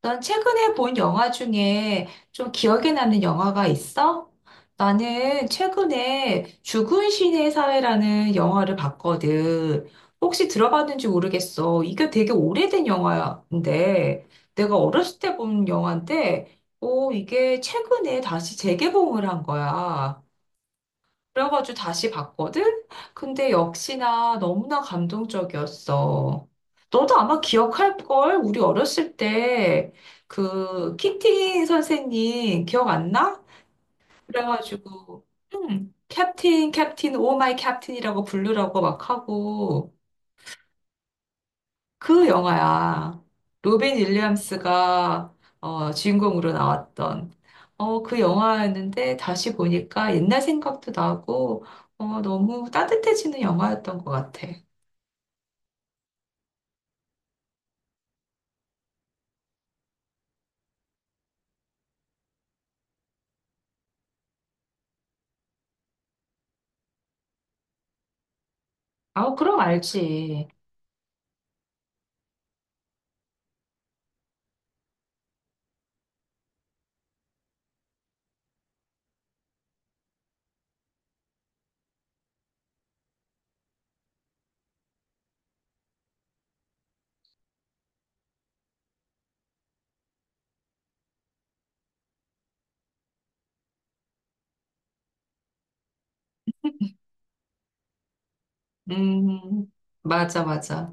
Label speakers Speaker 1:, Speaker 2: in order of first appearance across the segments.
Speaker 1: 넌 최근에 본 영화 중에 좀 기억에 남는 영화가 있어? 나는 최근에 죽은 신의 사회라는 영화를 봤거든. 혹시 들어봤는지 모르겠어. 이게 되게 오래된 영화인데, 내가 어렸을 때 본 영화인데, 오, 이게 최근에 다시 재개봉을 한 거야. 그래가지고 다시 봤거든? 근데 역시나 너무나 감동적이었어. 너도 아마 기억할걸? 우리 어렸을 때 그 키팅 선생님 기억 안 나? 그래가지고 캡틴 캡틴 오 마이 캡틴이라고 부르라고 막 하고 그 영화야. 로빈 윌리엄스가 주인공으로 나왔던 그 영화였는데 다시 보니까 옛날 생각도 나고 너무 따뜻해지는 영화였던 것 같아. 아, 그럼 알지. 음, 맞아, 맞아.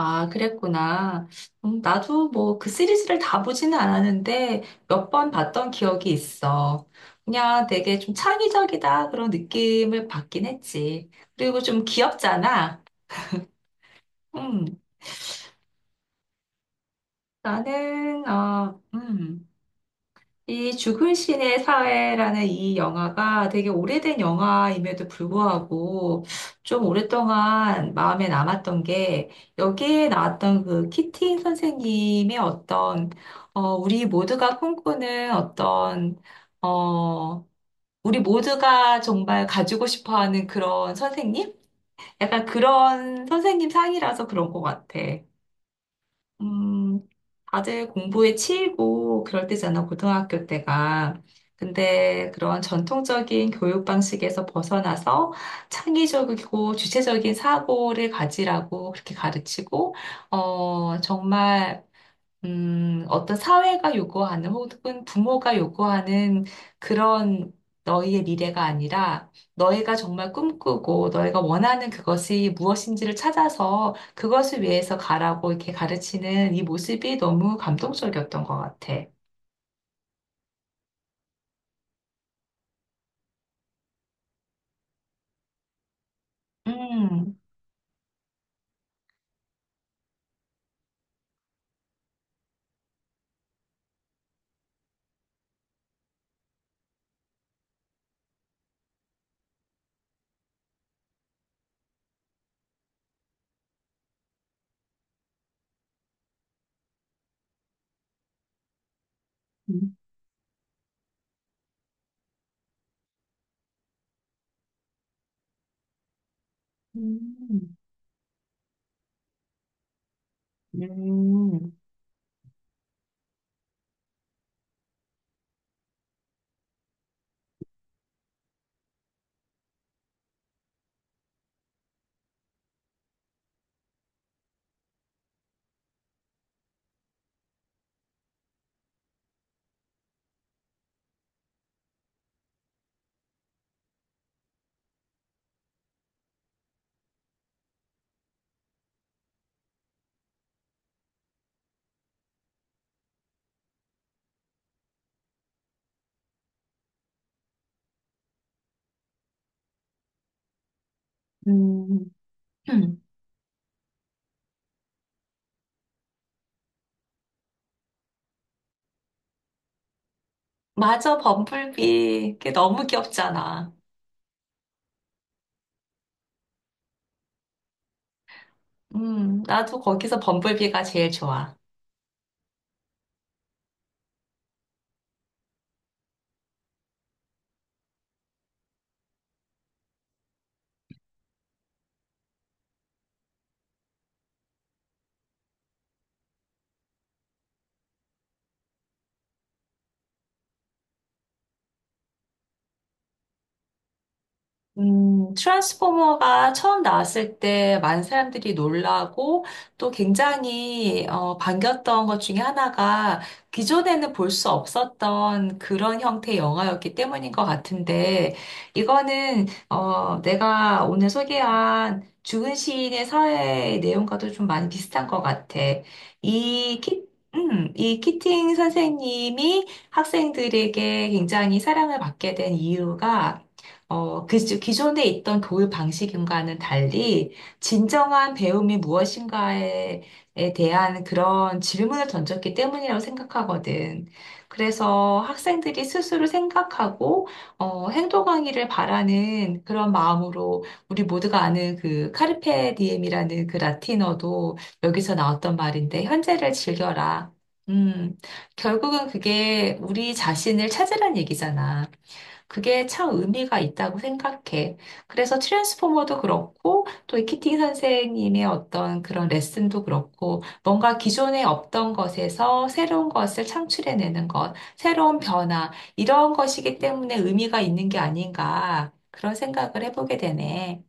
Speaker 1: 아, 그랬구나. 나도 뭐 그 시리즈를 다 보지는 않았는데 몇 번 봤던 기억이 있어. 그냥 되게 좀 창의적이다 그런 느낌을 받긴 했지. 그리고 좀 귀엽잖아. 음, 나는 이 죽은 신의 사회라는 이 영화가 되게 오래된 영화임에도 불구하고 좀 오랫동안 마음에 남았던 게 여기에 나왔던 그 키팅 선생님의 어떤 우리 모두가 꿈꾸는 어떤, 어, 우리 모두가 정말 가지고 싶어 하는 그런 선생님? 약간 그런 선생님 상이라서 그런 것 같아. 음, 다들 공부에 치이고 그럴 때잖아, 고등학교 때가. 근데 그런 전통적인 교육 방식에서 벗어나서 창의적이고 주체적인 사고를 가지라고 그렇게 가르치고, 어, 정말 어떤 사회가 요구하는 혹은 부모가 요구하는 그런 너희의 미래가 아니라 너희가 정말 꿈꾸고 너희가 원하는 그것이 무엇인지를 찾아서 그것을 위해서 가라고 이렇게 가르치는 이 모습이 너무 감동적이었던 것 같아. 음, 음. 음, 음, 음. 음. 맞아, 범블비. 그게 너무 귀엽잖아. 나도 거기서 범블비가 제일 좋아. 트랜스포머가 처음 나왔을 때 많은 사람들이 놀라고 또 굉장히 반겼던 것 중에 하나가 기존에는 볼 수 없었던 그런 형태의 영화였기 때문인 것 같은데 이거는 내가 오늘 소개한 죽은 시인의 사회 내용과도 좀 많이 비슷한 것 같아. 이 키, 이 키팅 선생님이 학생들에게 굉장히 사랑을 받게 된 이유가 기존에 있던 교육 방식과는 달리 진정한 배움이 무엇인가에 에 대한 그런 질문을 던졌기 때문이라고 생각하거든. 그래서 학생들이 스스로 생각하고 행동하기를 바라는 그런 마음으로 우리 모두가 아는 그 카르페 디엠이라는 그 라틴어도 여기서 나왔던 말인데 현재를 즐겨라. 음, 결국은 그게 우리 자신을 찾으란 얘기잖아. 그게 참 의미가 있다고 생각해. 그래서 트랜스포머도 그렇고, 또 이 키팅 선생님의 어떤 그런 레슨도 그렇고, 뭔가 기존에 없던 것에서 새로운 것을 창출해내는 것, 새로운 변화, 이런 것이기 때문에 의미가 있는 게 아닌가, 그런 생각을 해보게 되네.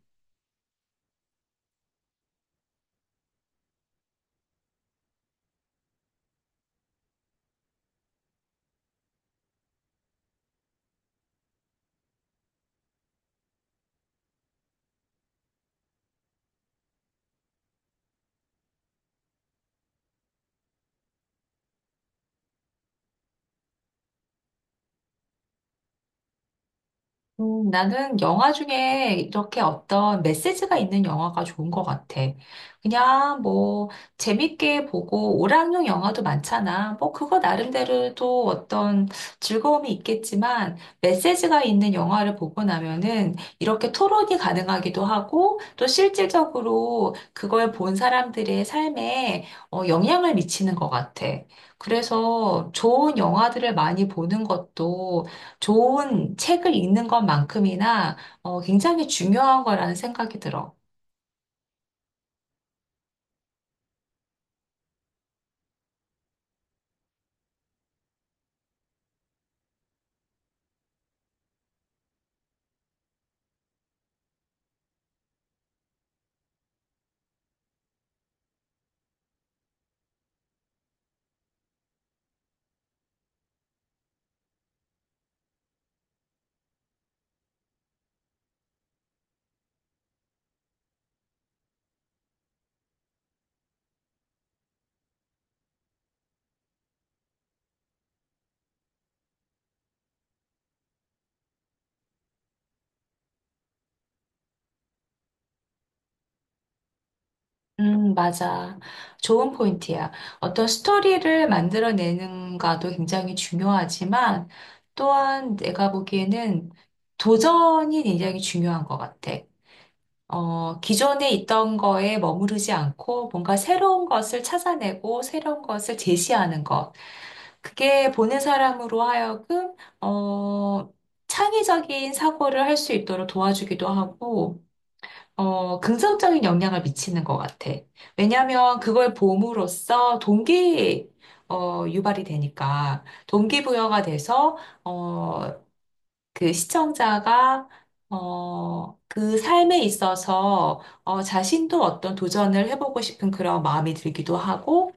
Speaker 1: 나는 영화 중에 이렇게 어떤 메시지가 있는 영화가 좋은 것 같아. 그냥 뭐 재밌게 보고 오락용 영화도 많잖아. 뭐 그거 나름대로 또 어떤 즐거움이 있겠지만 메시지가 있는 영화를 보고 나면은 이렇게 토론이 가능하기도 하고 또 실질적으로 그걸 본 사람들의 삶에 영향을 미치는 것 같아. 그래서 좋은 영화들을 많이 보는 것도 좋은 책을 읽는 것만큼이나 굉장히 중요한 거라는 생각이 들어. 맞아. 좋은 포인트야. 어떤 스토리를 만들어내는가도 굉장히 중요하지만 또한 내가 보기에는 도전이 굉장히 중요한 것 같아. 기존에 있던 거에 머무르지 않고 뭔가 새로운 것을 찾아내고 새로운 것을 제시하는 것. 그게 보는 사람으로 하여금, 어, 창의적인 사고를 할 수 있도록 도와주기도 하고, 긍정적인 영향을 미치는 것 같아. 왜냐하면 그걸 봄으로써 유발이 되니까, 동기부여가 돼서, 어, 그 시청자가, 그 삶에 있어서, 자신도 어떤 도전을 해보고 싶은 그런 마음이 들기도 하고,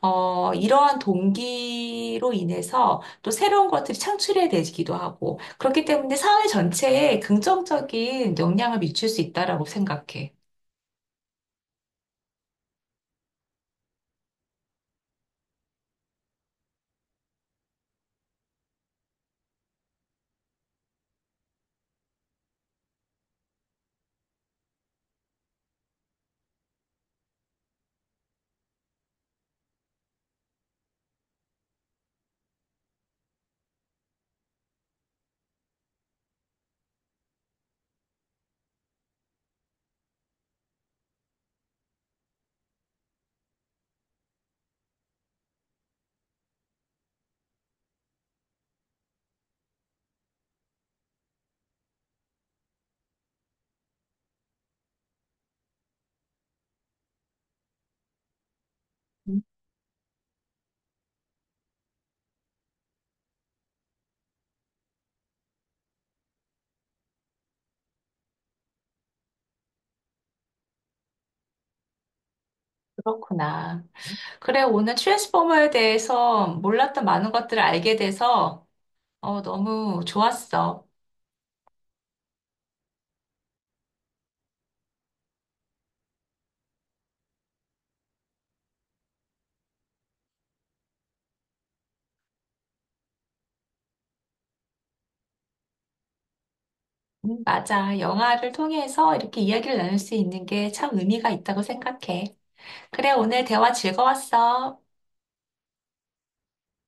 Speaker 1: 이러한 동기로 인해서 또 새로운 것들이 창출해야 되기도 하고, 그렇기 때문에 사회 전체에 긍정적인 영향을 미칠 수 있다라고 생각해. 음, 그렇구나. 그래, 오늘 트랜스포머에 대해서 몰랐던 많은 것들을 알게 돼서 너무 좋았어. 맞아. 영화를 통해서 이렇게 이야기를 나눌 수 있는 게 참 의미가 있다고 생각해. 그래, 오늘 대화 즐거웠어.